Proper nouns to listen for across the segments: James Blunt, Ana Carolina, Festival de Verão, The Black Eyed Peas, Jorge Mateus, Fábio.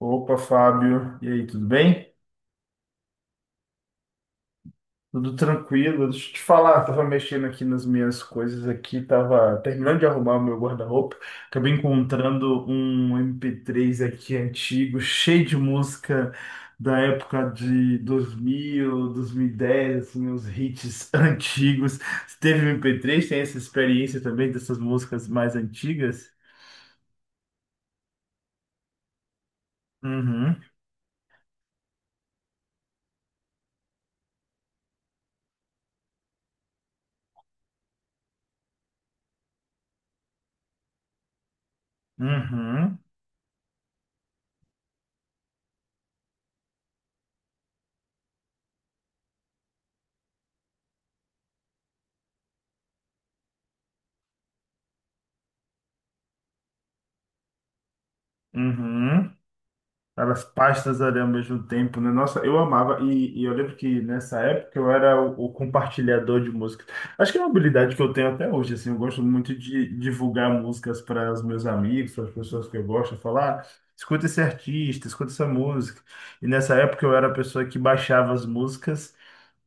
Opa, Fábio. E aí, tudo bem? Tudo tranquilo? Deixa eu te falar, tava mexendo aqui nas minhas coisas aqui, tava terminando de arrumar o meu guarda-roupa. Acabei encontrando um MP3 aqui antigo, cheio de música da época de 2000, 2010, assim, os hits antigos. Você teve MP3? Tem essa experiência também dessas músicas mais antigas? Uhum, uhum, uhum. Várias pastas ali ao mesmo tempo, né? Nossa, eu amava. E, eu lembro que nessa época eu era o compartilhador de música. Acho que é uma habilidade que eu tenho até hoje, assim. Eu gosto muito de divulgar músicas para os meus amigos, para as pessoas que eu gosto, falar, "Ah, escuta esse artista, escuta essa música. E nessa época eu era a pessoa que baixava as músicas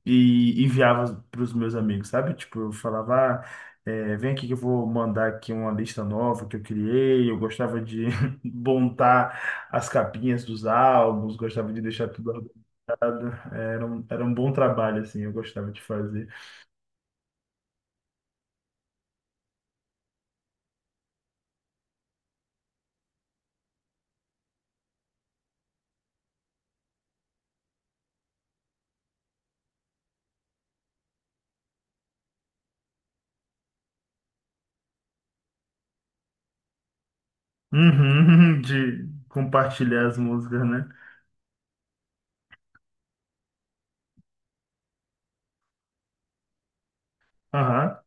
e enviava para os meus amigos, sabe? Tipo, eu falava, ah, é, vem aqui que eu vou mandar aqui uma lista nova que eu criei. Eu gostava de montar as capinhas dos álbuns, gostava de deixar tudo organizado. Era um bom trabalho, assim, eu gostava de fazer. Uhum, de compartilhar as músicas, né? Aham.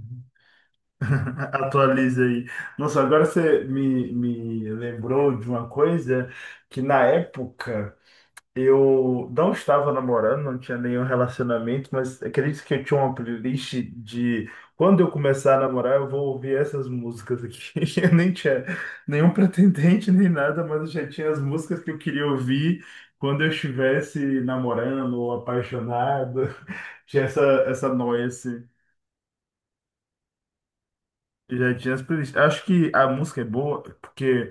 Atualiza aí. Nossa, agora você me, me lembrou de uma coisa que na época. Eu não estava namorando, não tinha nenhum relacionamento, mas acredito que eu tinha uma playlist de quando eu começar a namorar, eu vou ouvir essas músicas aqui. Eu nem tinha nenhum pretendente nem nada, mas eu já tinha as músicas que eu queria ouvir quando eu estivesse namorando ou apaixonado. Tinha essa, essa noia, assim. Eu já tinha as playlists. Acho que a música é boa porque.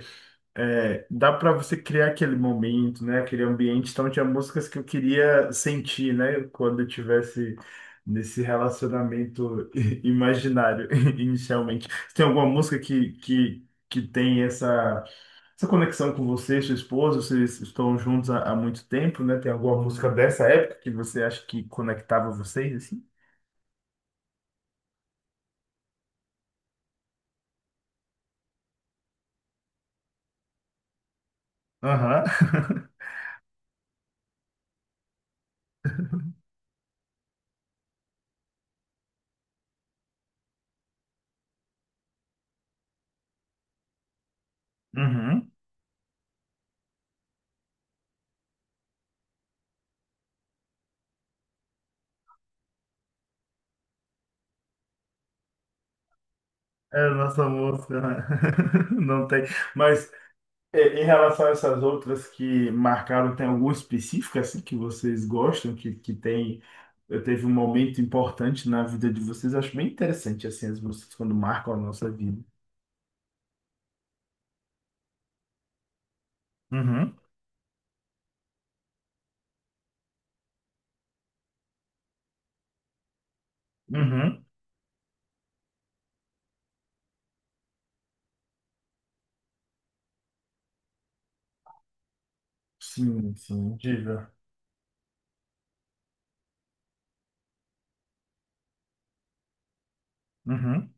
É, dá para você criar aquele momento, né? Aquele ambiente. Então, tinha músicas que eu queria sentir, né? Quando eu tivesse nesse relacionamento imaginário, inicialmente. Você tem alguma música que tem essa, essa conexão com você, sua esposa? Vocês estão juntos há muito tempo, né? Tem alguma música dessa época que você acha que conectava vocês, assim? Aham. Uhum. É a nossa música. Né? Não tem. Mas é, em relação a essas outras que marcaram, tem alguma específica assim que vocês gostam, que tem, teve um momento importante na vida de vocês? Acho bem interessante assim as músicas quando marcam a nossa vida. Uhum, uhum. Sim, sim, diga. Uhum,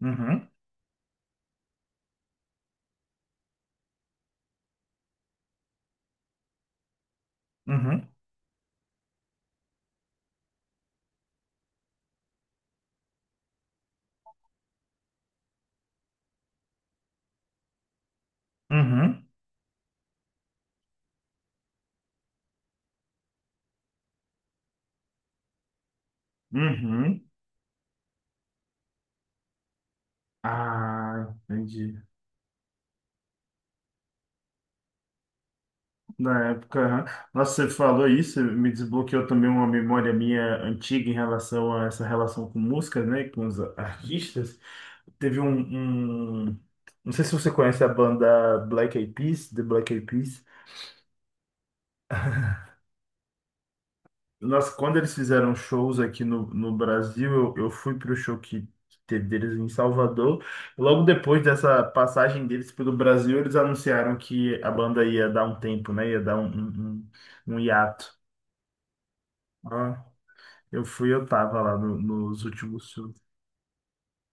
uhum, uhum, uhum. Uhum. Ah, entendi. Na época, aham. Nossa, você falou isso, me desbloqueou também uma memória minha antiga em relação a essa relação com música, né, com os artistas. Teve um, um- não sei se você conhece a banda Black Eyed Peas, The Black Eyed Peas. Nossa, quando eles fizeram shows aqui no, no Brasil, eu fui pro show que teve deles em Salvador. Logo depois dessa passagem deles pelo Brasil, eles anunciaram que a banda ia dar um tempo, né, ia dar um, um, um hiato. Eu fui, eu tava lá no- nos últimos shows.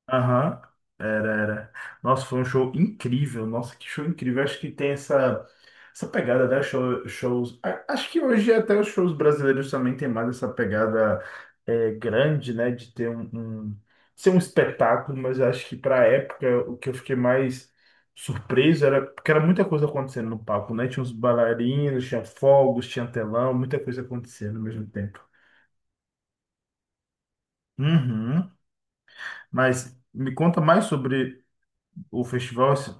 Aham, era, era. Nossa, foi um show incrível. Nossa, que show incrível. Acho que tem essa, essa pegada né, show, shows. Acho que hoje até os shows brasileiros também tem mais essa pegada é, grande, né? De ter um, ser um espetáculo, mas acho que pra época o que eu fiquei mais surpreso era porque era muita coisa acontecendo no palco, né? Tinha uns bailarinos, tinha fogos, tinha telão, muita coisa acontecendo ao mesmo tempo. Uhum. Mas me conta mais sobre o festival,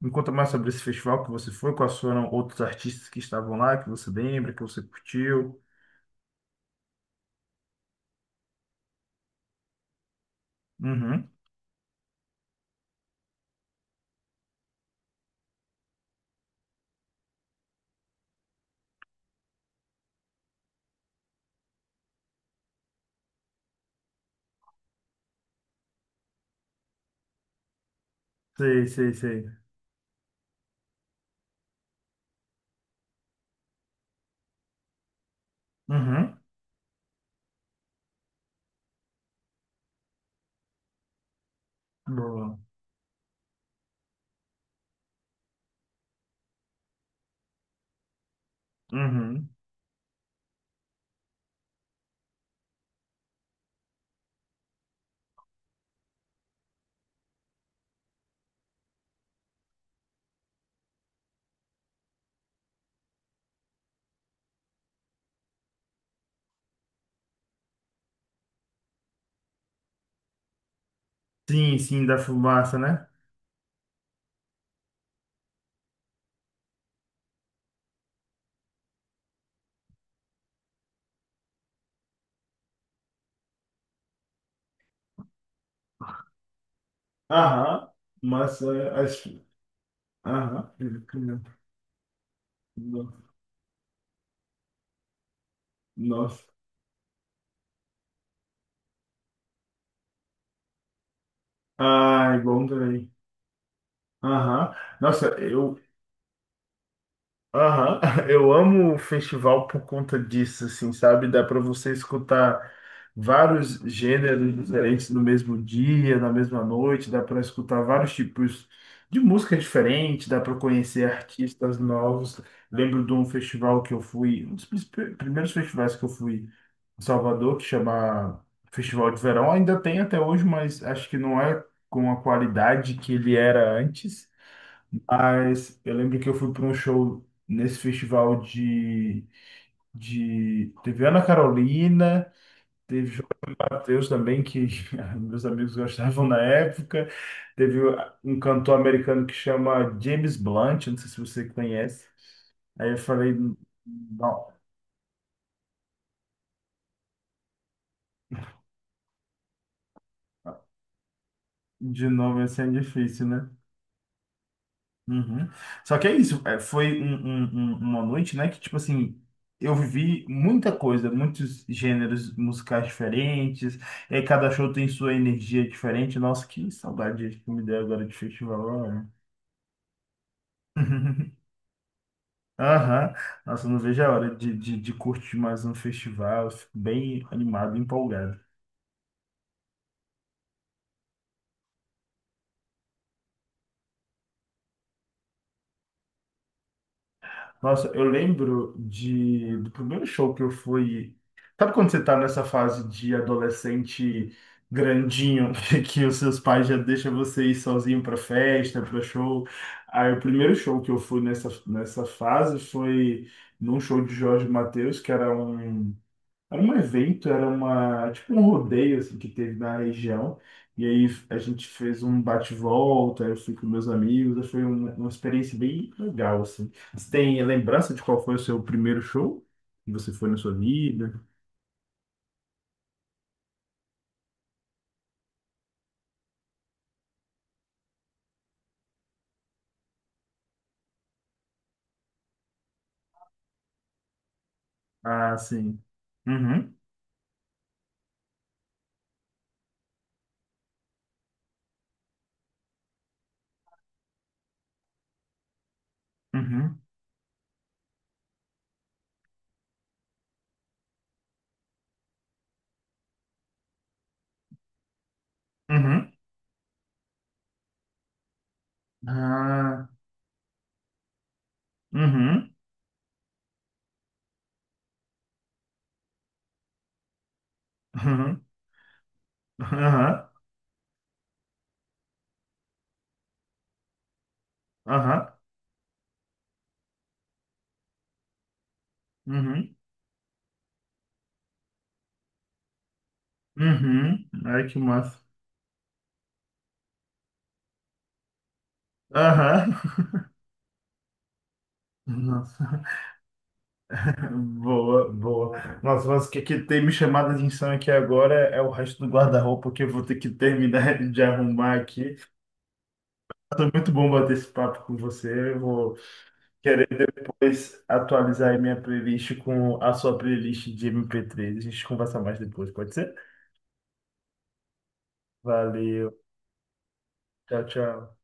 me conta mais sobre esse festival que você foi, quais foram outros artistas que estavam lá, que você lembra, que você curtiu. Uhum. Sei, sei, sei. Uhum. Boa. Uhum. Sim, sim, da fumaça, né? Aham, mas é, acho. Aham, no- nossa. Ai, bom também. Aham, nossa, eu aham, eu amo o festival por conta disso, assim, sabe? Dá para você escutar vários gêneros diferentes no mesmo dia, na mesma noite, dá para escutar vários tipos de música diferente, dá para conhecer artistas novos. Lembro de um festival que eu fui, um dos pr- primeiros festivais que eu fui em Salvador, que chama Festival de Verão, ainda tem até hoje, mas acho que não é com a qualidade que ele era antes. Mas eu lembro que eu fui para um show nesse festival de... Teve Ana Carolina, teve Jorge Mateus também, que meus amigos gostavam na época. Teve um cantor americano que chama James Blunt, não sei se você conhece. Aí eu falei, não, de nome assim é difícil, né? Uhum. Só que é isso, é, foi uma noite, né, que, tipo assim, eu vivi muita coisa, muitos gêneros musicais diferentes, e aí cada show tem sua energia diferente. Nossa, que saudade que me deu agora de festival, né? Aham. Nossa, eu não vejo a hora de curtir mais um festival, eu fico bem animado, empolgado. Nossa, eu lembro de, do primeiro show que eu fui. Sabe quando você tá nessa fase de adolescente grandinho, que os seus pais já deixam você ir sozinho pra festa, pra show? Aí o primeiro show que eu fui nessa, nessa fase foi num show de Jorge Mateus, que era um. Era um evento, era uma, tipo um rodeio assim, que teve na região. E aí a gente fez um bate-volta, eu fui com meus amigos, foi uma experiência bem legal, assim. Você tem lembrança de qual foi o seu primeiro show que você foi na sua vida? Ah, sim. Uhum, uhum, uhum. Ah, uhum, uhum, aham, aham, uhum, uhum. Ai, que massa. Aham. Nossa. Boa, boa. Nossa, mas o que, que tem me chamado a atenção aqui agora é o resto do guarda-roupa que eu vou ter que terminar de arrumar aqui. Foi muito bom bater esse papo com você. Eu vou querer depois atualizar aí minha playlist com a sua playlist de MP3. A gente conversa mais depois, pode ser? Valeu. Tchau, tchau.